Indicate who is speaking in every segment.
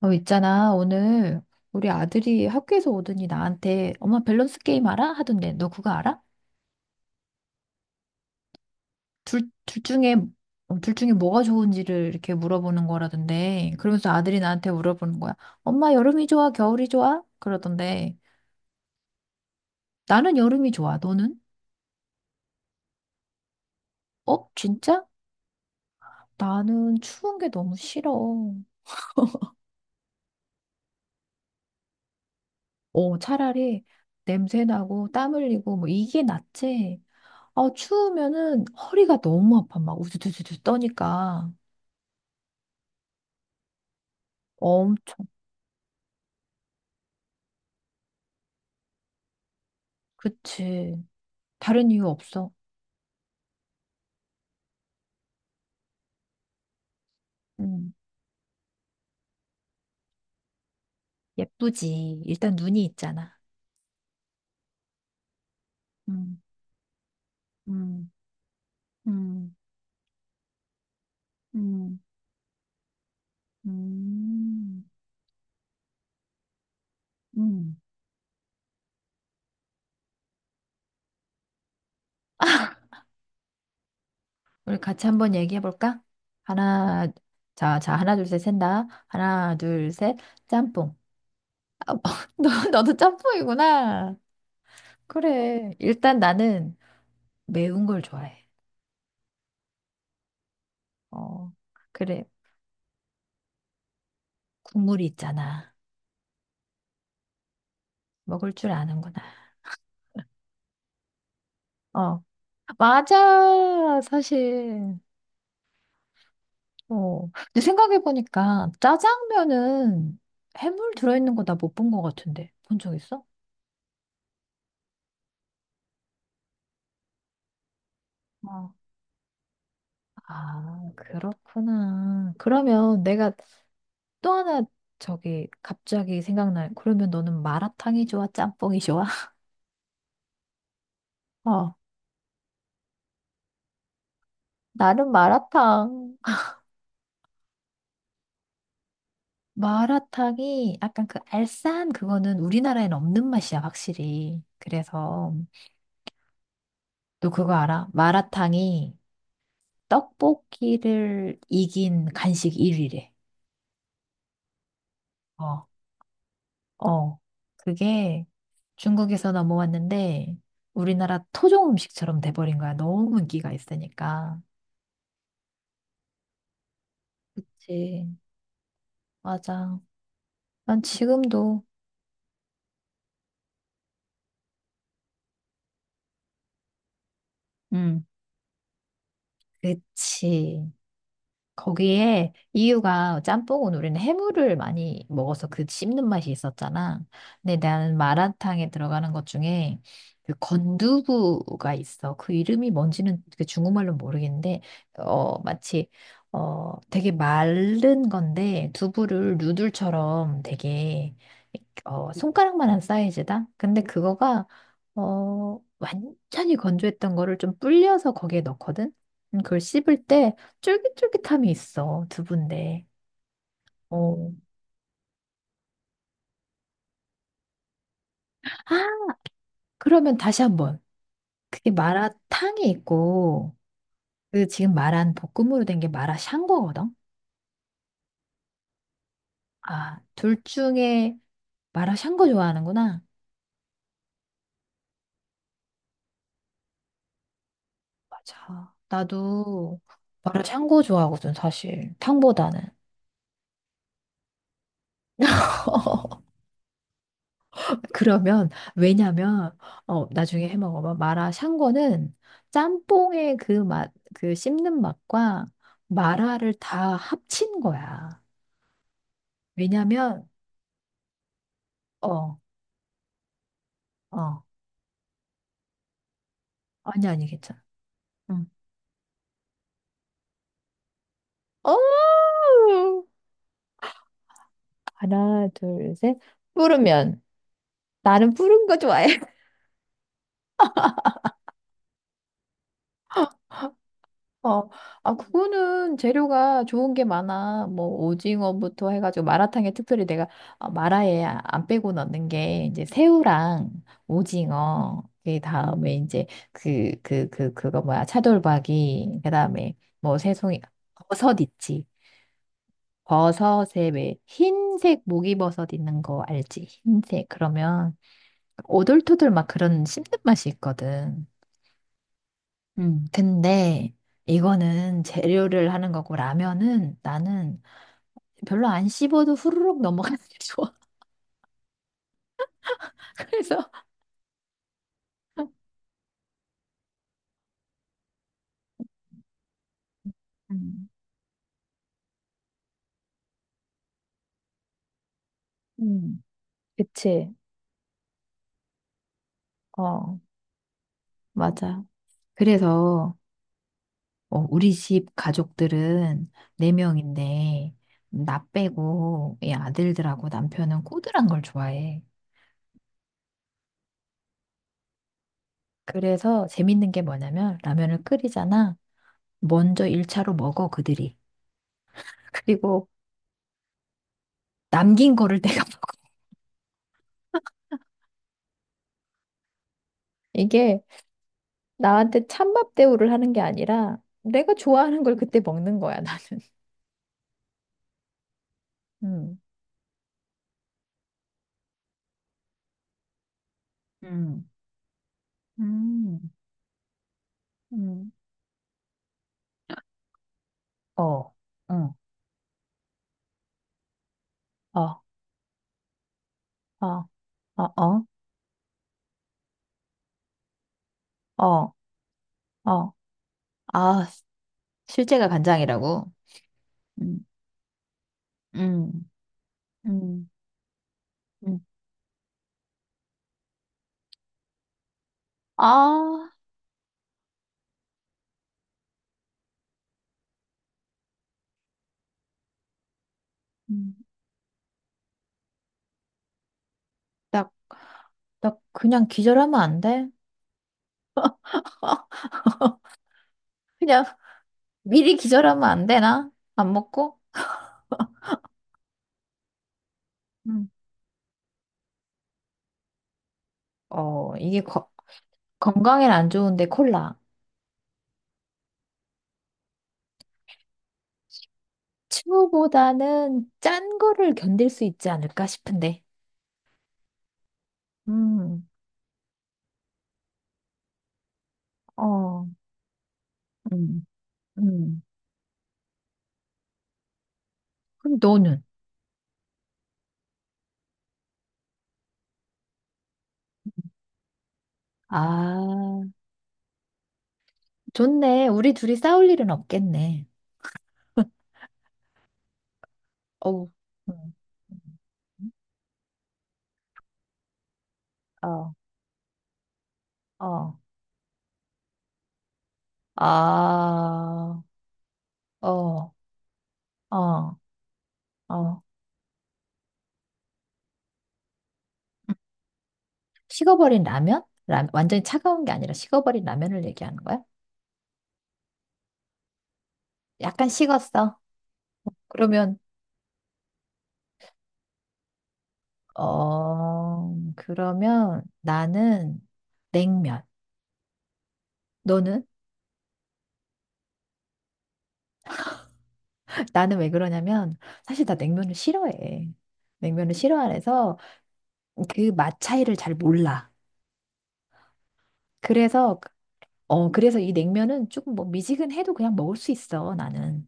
Speaker 1: 있잖아. 오늘 우리 아들이 학교에서 오더니 나한테 엄마 밸런스 게임 알아? 하던데 너 그거 알아? 둘, 둘 중에 둘 중에 뭐가 좋은지를 이렇게 물어보는 거라던데 그러면서 아들이 나한테 물어보는 거야. 엄마 여름이 좋아? 겨울이 좋아? 그러던데 나는 여름이 좋아. 너는? 어? 진짜? 나는 추운 게 너무 싫어. 차라리 냄새 나고 땀 흘리고 뭐 이게 낫지. 추우면은 허리가 너무 아파. 막 우두두두두 떠니까. 엄청. 그치. 다른 이유 없어. 음. 예쁘지. 일단 눈이 있잖아. 음. 음. 음. 음. 음. 음. 우리 같이 한번 얘기해 볼까? 하나, 자, 자, 하나, 둘, 셋, 샌다. 하나, 둘, 셋, 짬뽕. 너도 짬뽕이구나. 그래. 일단 나는 매운 걸 좋아해. 어, 그래. 국물이 있잖아. 먹을 줄 아는구나. 어, 맞아. 사실. 어. 근데 생각해보니까 짜장면은 해물 들어있는 거 나 못 본 거 같은데. 본 적 있어? 어. 아, 그렇구나. 그러면 내가 또 하나 저기 갑자기 생각나. 그러면 너는 마라탕이 좋아? 짬뽕이 좋아? 어. 나는 마라탕. 마라탕이 약간 그 알싸한 그거는 우리나라엔 없는 맛이야, 확실히. 그래서 너 그거 알아? 마라탕이 떡볶이를 이긴 간식 1위래. 어, 그게 중국에서 넘어왔는데 우리나라 토종 음식처럼 돼버린 거야. 너무 인기가 있으니까. 그치. 맞아. 난 지금도 응, 그치. 거기에 이유가 짬뽕은 우리는 해물을 많이 먹어서 그 씹는 맛이 있었잖아. 근데 나는 마라탕에 들어가는 것 중에 그 건두부가 있어. 그 이름이 뭔지는 그 중국말로 모르겠는데, 마치, 되게 마른 건데, 두부를 누들처럼 되게, 손가락만한 사이즈다? 근데 그거가, 완전히 건조했던 거를 좀 불려서 거기에 넣거든? 그걸 씹을 때 쫄깃쫄깃함이 있어, 두부인데. 어. 아, 그러면 다시 한 번. 그게 마라탕이 있고, 그 지금 말한 볶음으로 된 게 마라샹궈거든? 아, 둘 중에 마라샹궈 좋아하는구나. 맞아. 나도 마라샹궈 좋아하거든, 사실. 탕보다는. 그러면, 왜냐면, 나중에 해 먹어봐. 마라샹궈는 짬뽕의 그 맛, 그 씹는 맛과 마라를 다 합친 거야. 왜냐면, 어, 어. 아니, 아니, 괜찮아. 응. 어! 하나, 둘, 셋. 뿌르면. 나는 뿌른 거 좋아해. 어, 아, 그거는 재료가 좋은 게 많아. 뭐, 오징어부터 해가지고 마라탕에 특별히 내가 아, 마라에 안 빼고 넣는 게 이제 새우랑 오징어, 그 다음에 이제 그거 뭐야, 차돌박이, 그 다음에 뭐 새송이, 버섯 있지. 버섯에 왜 흰색 목이버섯 있는 거 알지? 흰색. 그러면 오돌토돌 막 그런 씹는 맛이 있거든. 음. 근데 이거는 재료를 하는 거고 라면은 나는 별로 안 씹어도 후루룩 넘어가는 게 좋아. 그래서 음, 음, 그치. 어, 맞아. 그래서 우리 집 가족들은 4명인데나 빼고 이 아들들하고 남편은 꼬들한 걸 좋아해. 그래서 재밌는 게 뭐냐면 라면을 끓이잖아. 먼저 1차로 먹어 그들이. 그리고 남긴 거를 내가 먹어. 이게 나한테 찬밥 대우를 하는 게 아니라 내가 좋아하는 걸 그때 먹는 거야, 나는. 음. 음, 음, 음, 어, 어, 어, 어, 어, 어, 어, 어. 아, 실제가 간장이라고. 음. 음, 음, 음. 아, 음. 나, 나 그냥 기절하면 안 돼? 그냥 미리 기절하면 안 되나? 안 먹고? 음. 이게 건강엔 안 좋은데 콜라. 츄보다는 짠 거를 견딜 수 있지 않을까 싶은데. 음, 어, 음, 음. 그럼 너는? 아, 좋네. 우리 둘이 싸울 일은 없겠네. 어우, 음, 음. 어, 어, 아, 어, 어, 어. 식어버린 라면? 완전히 차가운 게 아니라 식어버린 라면을 얘기하는 거야? 약간 식었어. 그러면, 그러면 나는 냉면. 너는? 나는 왜 그러냐면, 사실 나 냉면을 싫어해. 냉면을 싫어해서 그 맛 차이를 잘 몰라. 그래서, 그래서 이 냉면은 조금 뭐 미지근해도 그냥 먹을 수 있어, 나는.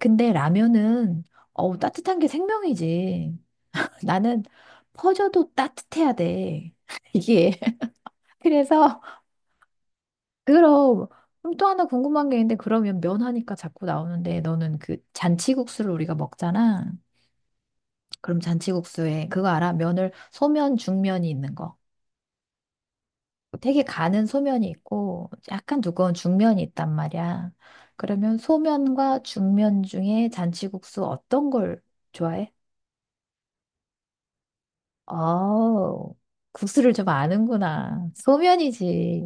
Speaker 1: 근데 라면은, 어우, 따뜻한 게 생명이지. 나는 퍼져도 따뜻해야 돼. 이게. 그래서, 그럼 그럼 또 하나 궁금한 게 있는데 그러면 면 하니까 자꾸 나오는데 너는 그 잔치국수를 우리가 먹잖아. 그럼 잔치국수에 그거 알아? 면을 소면, 중면이 있는 거. 되게 가는 소면이 있고 약간 두꺼운 중면이 있단 말이야. 그러면 소면과 중면 중에 잔치국수 어떤 걸 좋아해? 어, 국수를 좀 아는구나. 소면이지.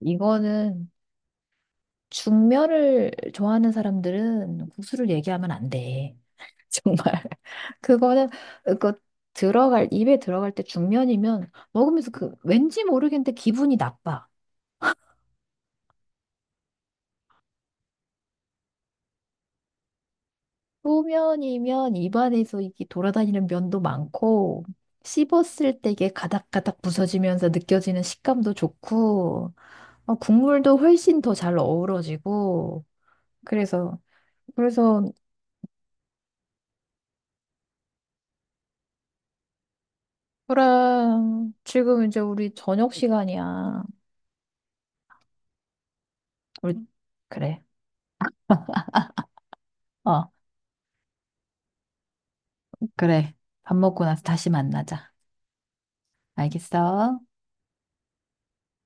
Speaker 1: 이거는 중멸을 좋아하는 사람들은 국수를 얘기하면 안 돼. 정말. 그거는, 그거 입에 들어갈 때 중면이면 먹으면서 그 왠지 모르겠는데 기분이 나빠. 소면이면 입안에서 이게 돌아다니는 면도 많고, 씹었을 때 이게 가닥가닥 부서지면서 느껴지는 식감도 좋고, 어, 국물도 훨씬 더 잘 어우러지고, 그래서, 그래서, 그랑 지금 이제 우리 저녁 시간이야. 우리, 그래. 어, 그래. 밥 먹고 나서 다시 만나자. 알겠어?